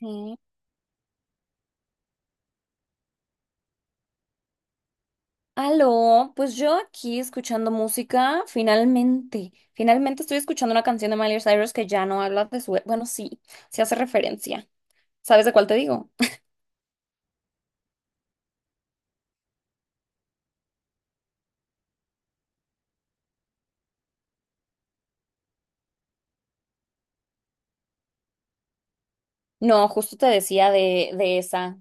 Sí. Aló, pues yo aquí escuchando música, finalmente, finalmente estoy escuchando una canción de Miley Cyrus que ya no habla de su, sí, sí hace referencia. ¿Sabes de cuál te digo? No, justo te decía de esa.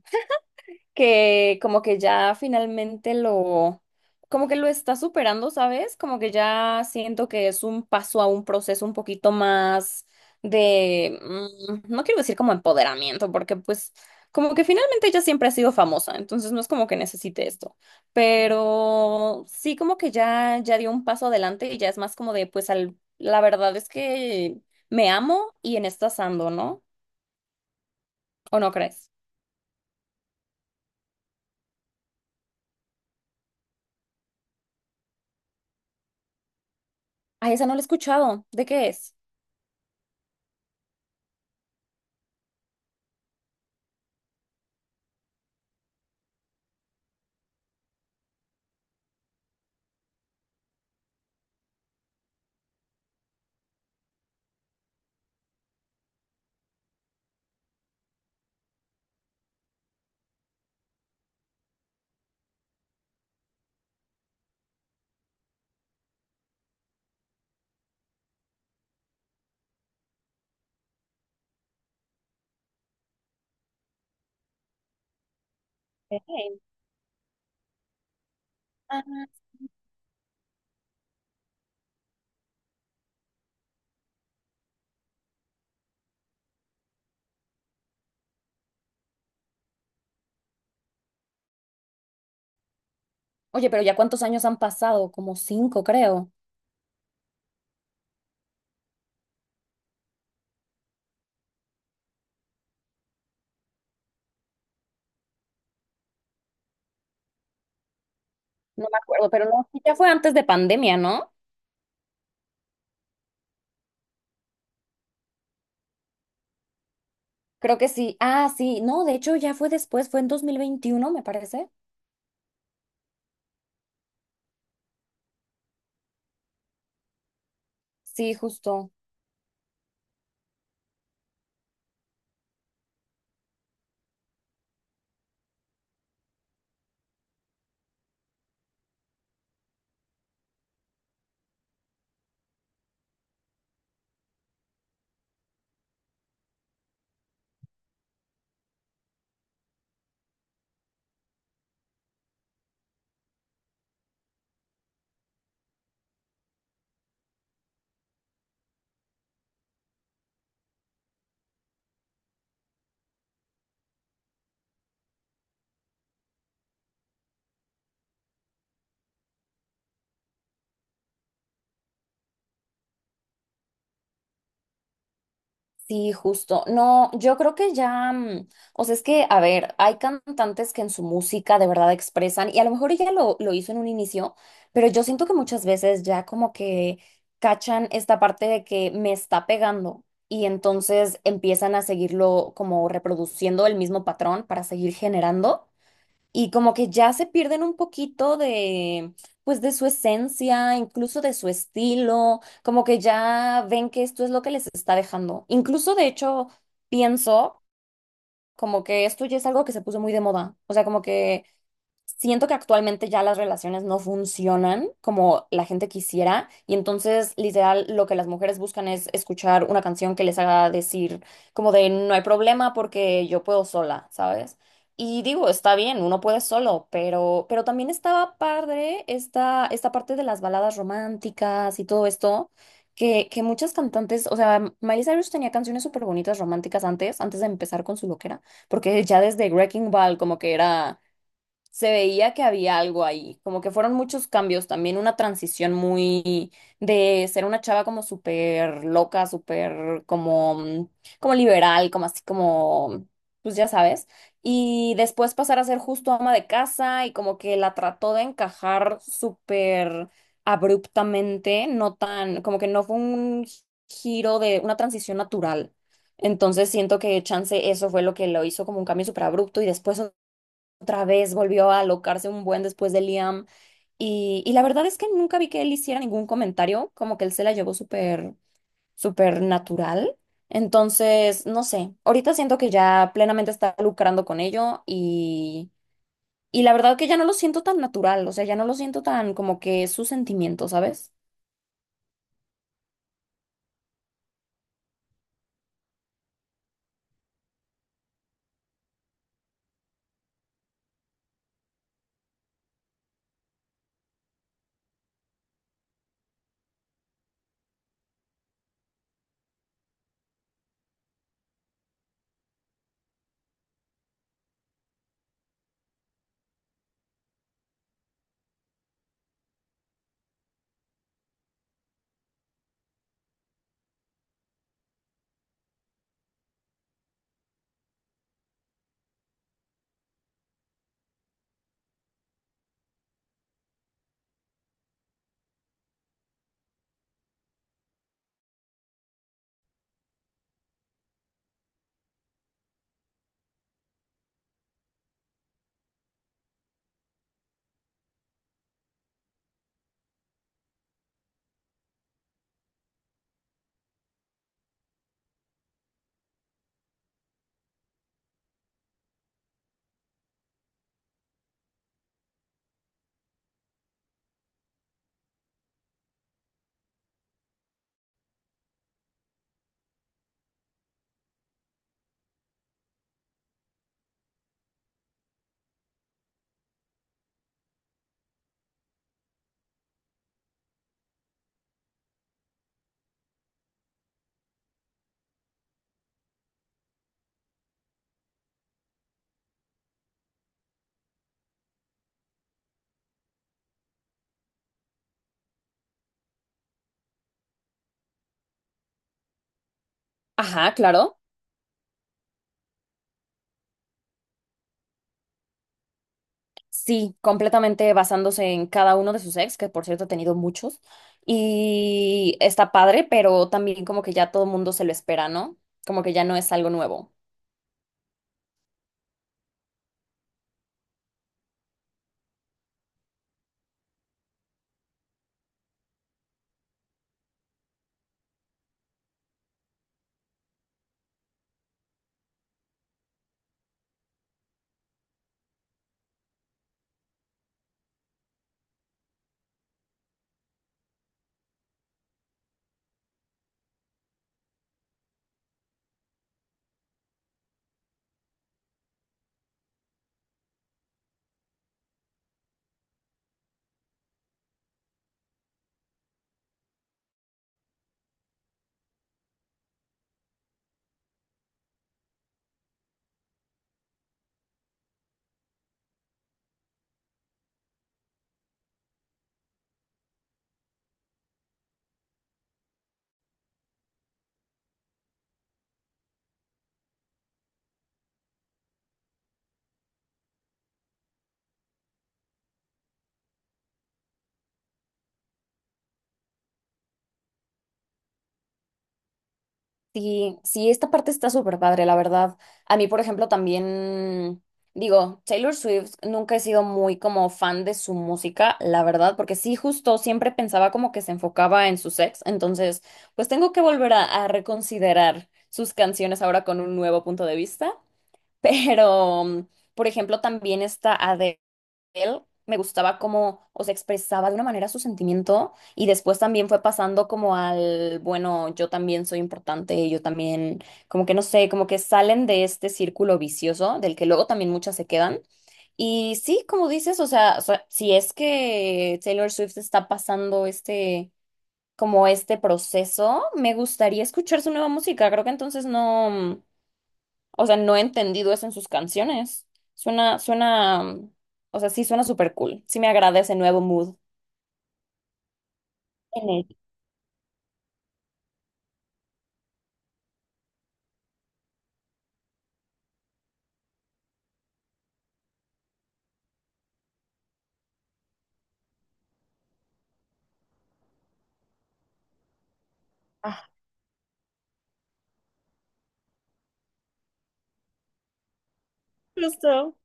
Que como que ya finalmente lo, como que lo está superando, ¿sabes? Como que ya siento que es un paso a un proceso un poquito más de, no quiero decir como empoderamiento, porque pues como que finalmente ella siempre ha sido famosa, entonces no es como que necesite esto, pero sí como que ya dio un paso adelante y ya es más como de, pues la verdad es que me amo y en estas ando, ¿no? ¿O no crees? Ay, esa no la he escuchado. ¿De qué es? Ok. Oye, pero ya cuántos años han pasado, como cinco, creo. No me acuerdo, pero no, sí, ya fue antes de pandemia, ¿no? Creo que sí. Ah, sí, no, de hecho ya fue después, fue en 2021, me parece. Sí, justo. Sí, justo. No, yo creo que ya, o sea, es que, a ver, hay cantantes que en su música de verdad expresan, y a lo mejor ella lo hizo en un inicio, pero yo siento que muchas veces ya como que cachan esta parte de que me está pegando y entonces empiezan a seguirlo como reproduciendo el mismo patrón para seguir generando y como que ya se pierden un poquito de, pues de su esencia, incluso de su estilo, como que ya ven que esto es lo que les está dejando. Incluso de hecho pienso como que esto ya es algo que se puso muy de moda, o sea, como que siento que actualmente ya las relaciones no funcionan como la gente quisiera y entonces literal lo que las mujeres buscan es escuchar una canción que les haga decir como de no hay problema porque yo puedo sola, ¿sabes? Y digo, está bien, uno puede solo, pero también estaba padre esta parte de las baladas románticas y todo esto, que muchas cantantes, o sea, Miley Cyrus tenía canciones súper bonitas románticas antes, antes de empezar con su loquera, porque ya desde Wrecking Ball como que era, se veía que había algo ahí, como que fueron muchos cambios, también una transición muy de ser una chava como súper loca, súper como, como liberal, como así como, pues ya sabes, y después pasar a ser justo ama de casa y como que la trató de encajar súper abruptamente, no tan, como que no fue un giro de una transición natural. Entonces siento que chance eso fue lo que lo hizo como un cambio súper abrupto y después otra vez volvió a alocarse un buen después de Liam. Y la verdad es que nunca vi que él hiciera ningún comentario, como que él se la llevó súper, súper natural. Entonces, no sé, ahorita siento que ya plenamente está lucrando con ello y la verdad que ya no lo siento tan natural, o sea, ya no lo siento tan como que es su sentimiento, ¿sabes? Ajá, claro. Sí, completamente basándose en cada uno de sus ex, que por cierto ha tenido muchos. Y está padre, pero también como que ya todo el mundo se lo espera, ¿no? Como que ya no es algo nuevo. Sí, sí, esta parte está súper padre, la verdad. A mí, por ejemplo, también digo, Taylor Swift nunca he sido muy como fan de su música, la verdad, porque sí, justo siempre pensaba como que se enfocaba en sus ex. Entonces, pues tengo que volver a reconsiderar sus canciones ahora con un nuevo punto de vista. Pero, por ejemplo, también esta Adele, me gustaba cómo, o sea, expresaba de una manera su sentimiento y después también fue pasando como al, bueno, yo también soy importante, yo también, como que no sé, como que salen de este círculo vicioso del que luego también muchas se quedan. Y sí, como dices, o sea, si es que Taylor Swift está pasando este, como este proceso, me gustaría escuchar su nueva música. Creo que entonces no. O sea, no he entendido eso en sus canciones. Suena, suena, o sea, sí suena súper cool. Sí me agrada ese nuevo mood en ella. Ah, justo.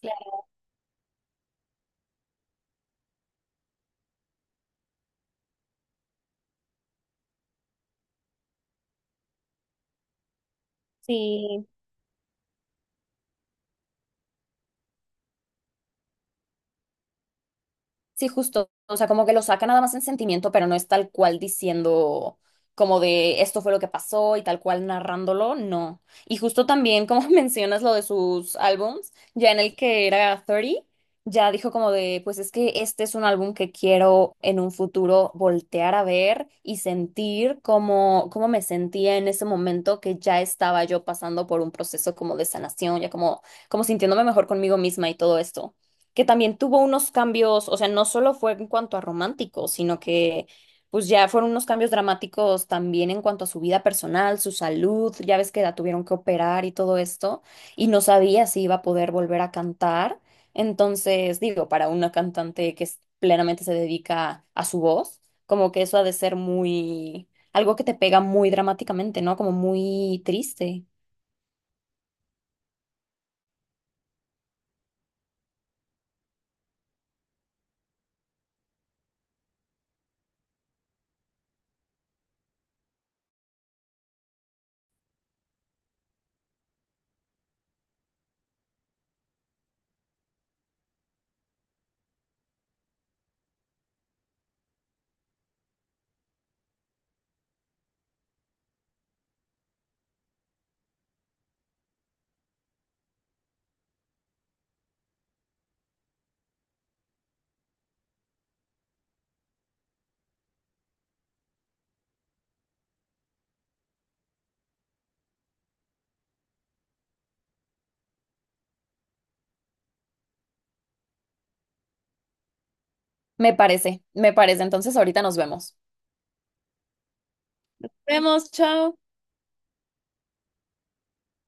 Claro. Sí. Sí, justo. O sea, como que lo saca nada más en sentimiento, pero no es tal cual diciendo como de esto fue lo que pasó y tal cual narrándolo, no. Y justo también, como mencionas lo de sus álbums, ya en el que era 30, ya dijo como de, pues es que este es un álbum que quiero en un futuro voltear a ver y sentir como, cómo me sentía en ese momento que ya estaba yo pasando por un proceso como de sanación, ya como, como sintiéndome mejor conmigo misma y todo esto, que también tuvo unos cambios, o sea, no solo fue en cuanto a romántico, sino que pues ya fueron unos cambios dramáticos también en cuanto a su vida personal, su salud, ya ves que la tuvieron que operar y todo esto, y no sabía si iba a poder volver a cantar. Entonces, digo, para una cantante que plenamente se dedica a su voz, como que eso ha de ser muy, algo que te pega muy dramáticamente, ¿no? Como muy triste. Me parece, me parece. Entonces, ahorita nos vemos. Vemos, chao.